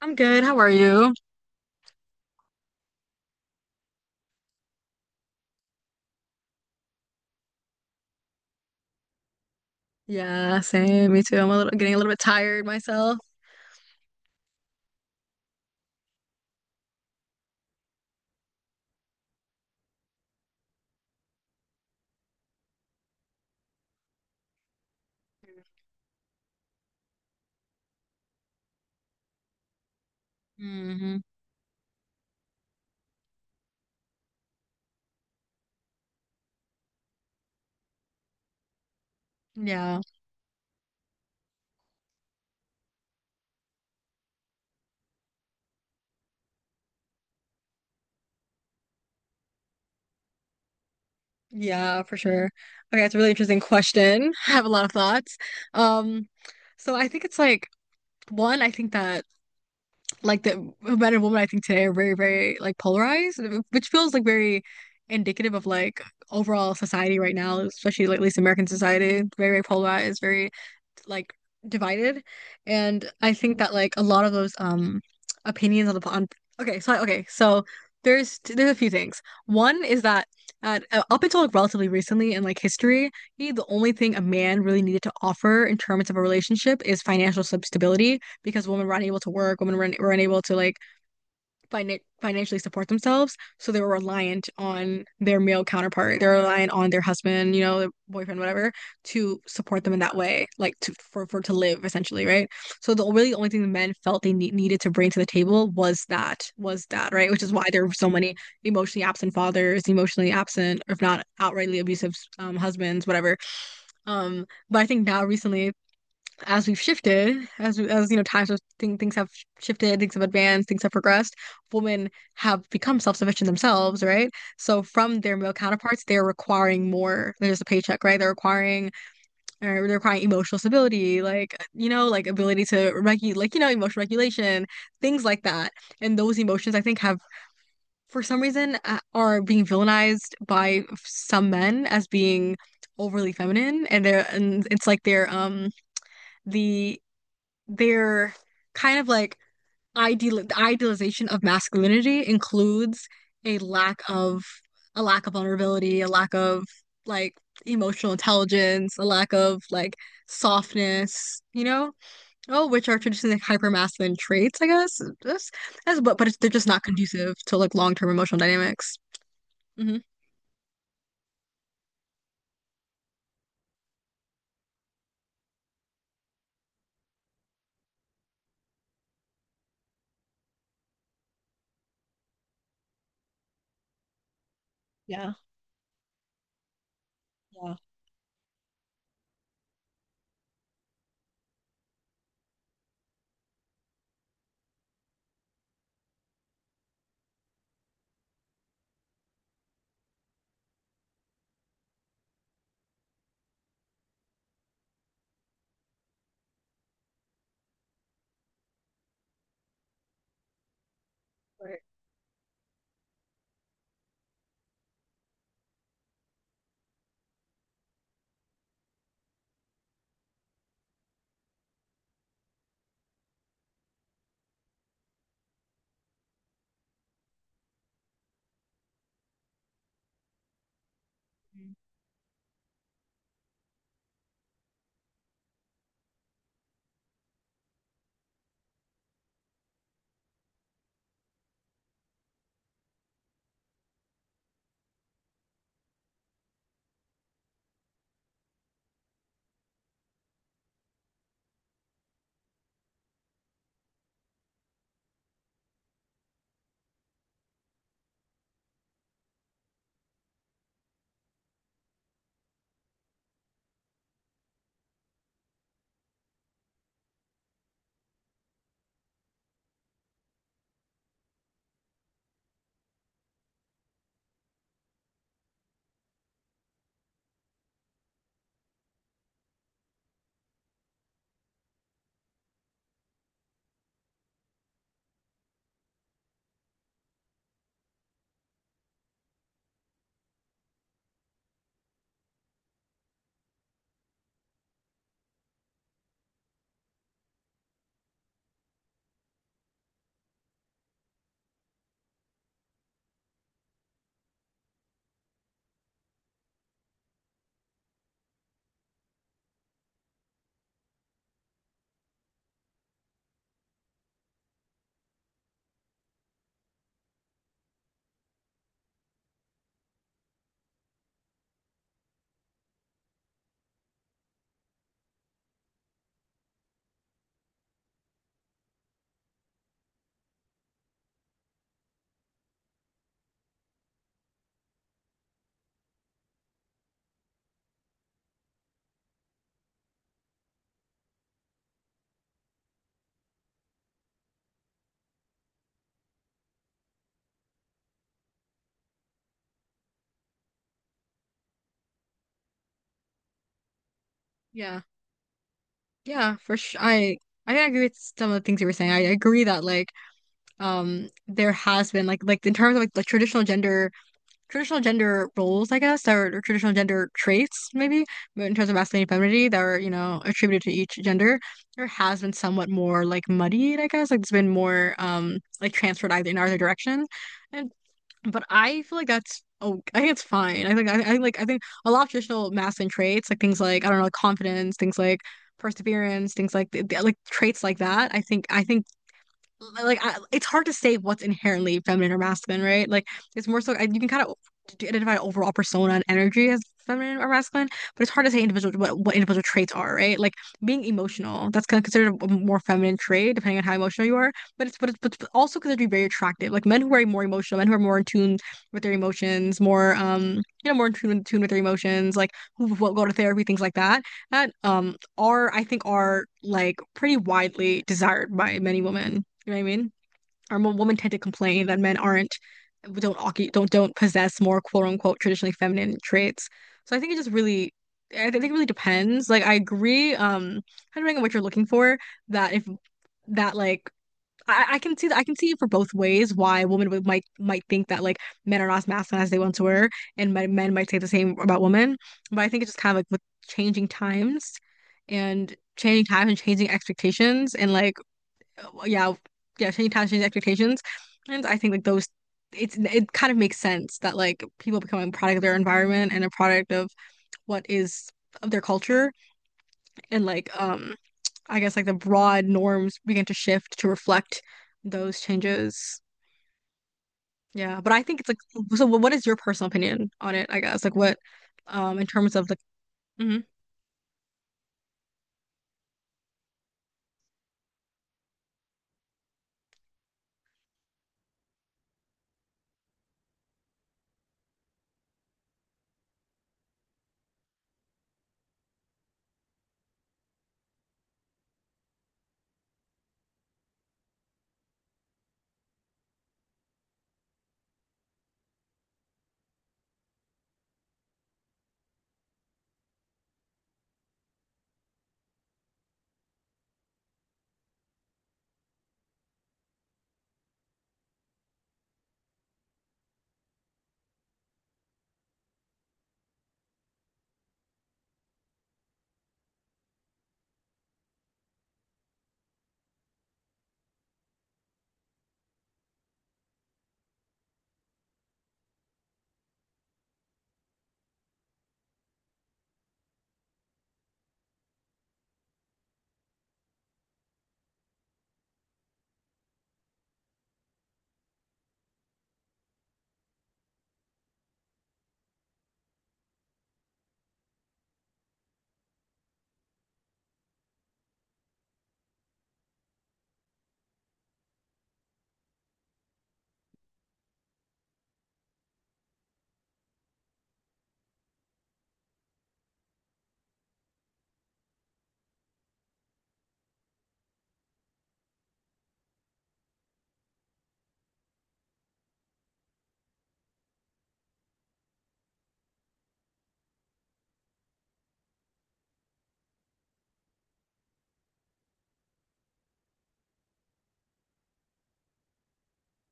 I'm good. How are you? Yeah, same. Me too. I'm a little getting a little bit tired myself. Hmm. Yeah. Yeah, for sure. Okay, it's a really interesting question. I have a lot of thoughts. Um, so I think it's like one, I think that like the men and women I think today are very like polarized, which feels like very indicative of like overall society right now, especially like at least American society, very polarized, very like divided. And I think that like a lot of those opinions on the on okay, so there's a few things. One is that up until like relatively recently in like history really the only thing a man really needed to offer in terms of a relationship is financial stability, because women were unable to work, women were unable to like financially support themselves, so they were reliant on their male counterpart. They're reliant on their husband, you know, their boyfriend, whatever, to support them in that way, like to for to live essentially, right? So the really only thing the men felt they needed to bring to the table was that, right? Which is why there were so many emotionally absent fathers, emotionally absent, or if not outrightly abusive husbands, whatever. But I think now recently as we've shifted, as you know, times have, things have shifted, things have advanced, things have progressed. Women have become self-sufficient themselves, right? So from their male counterparts, they're requiring more than just a paycheck, right? Or they're requiring emotional stability, like you know, like ability to regulate, like you know, emotional regulation, things like that. And those emotions, I think, have for some reason are being villainized by some men as being overly feminine, and it's like they're the their kind of like idealization of masculinity includes a lack of, a lack of vulnerability, a lack of like emotional intelligence, a lack of like softness, you know? Oh, which are traditionally like hypermasculine traits, I guess. That's but it's, they're just not conducive to like long-term emotional dynamics. Hmm. Yeah. Yeah. Right. Yeah. Yeah, for sure. I agree with some of the things you were saying. I agree that like there has been like in terms of like traditional gender, traditional gender roles I guess, or traditional gender traits maybe, but in terms of masculinity and femininity that are you know attributed to each gender, there has been somewhat more like muddied I guess, like it's been more like transferred either in either direction. And but I feel like that's, oh I think it's fine. I think I like I think a lot of traditional masculine traits, like things like I don't know, like confidence, things like perseverance, things like like traits like that, I think like I, it's hard to say what's inherently feminine or masculine, right? Like it's more so I, you can kind of identify overall persona and energy as feminine or masculine, but it's hard to say individual what individual traits are, right? Like being emotional, that's kind of considered a more feminine trait depending on how emotional you are, but but it's also considered to be very attractive. Like men who are more emotional, men who are more in tune with their emotions, more you know more in tune with their emotions, like who go to therapy, things like that. That are I think are like pretty widely desired by many women. You know what I mean? Our women tend to complain that men aren't, don't occu- don't possess more quote unquote traditionally feminine traits. So I think it just really, I think it really depends. Like I agree, depending on what you're looking for, that if that like I can see that I can see it for both ways why women would, might think that like men are not as masculine as they once were, and men might say the same about women. But I think it's just kind of like with changing times and changing times and changing expectations and like yeah, yeah, change times, change expectations. And I think like those, it's it kind of makes sense that like people become a product of their environment and a product of what is, of their culture and like I guess like the broad norms begin to shift to reflect those changes. Yeah, but I think it's like, so what is your personal opinion on it, I guess? Like what in terms of like mhm.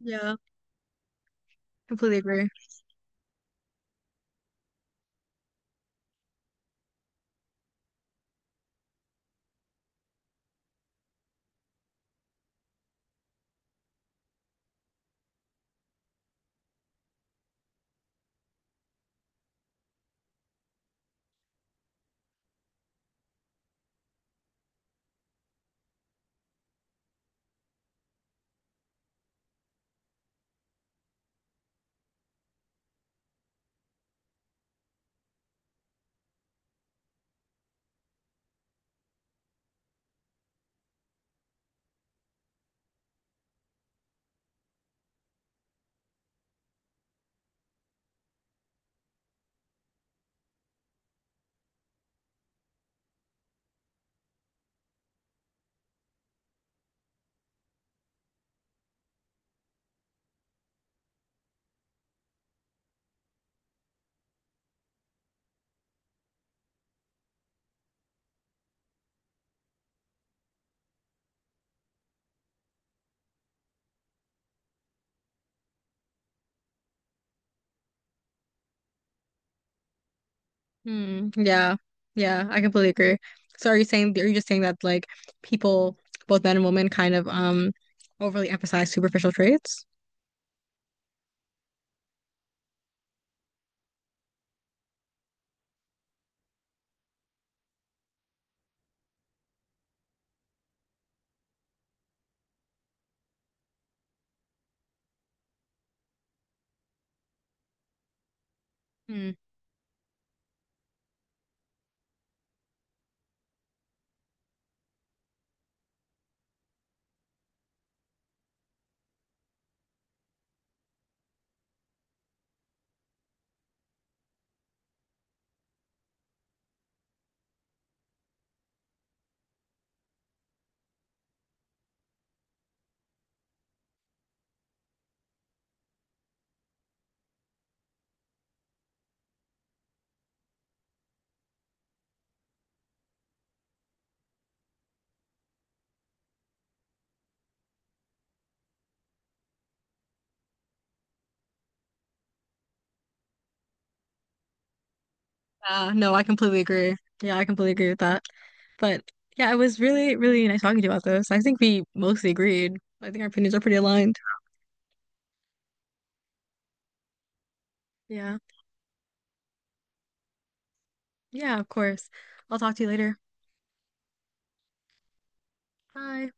Yeah, completely agree. Hmm. Yeah. Yeah. I completely agree. So are you just saying that like people, both men and women, kind of overly emphasize superficial traits? Hmm. No, I completely agree. Yeah, I completely agree with that. But yeah, it was really nice talking to you about this. I think we mostly agreed. I think our opinions are pretty aligned. Yeah. Yeah, of course. I'll talk to you later. Bye.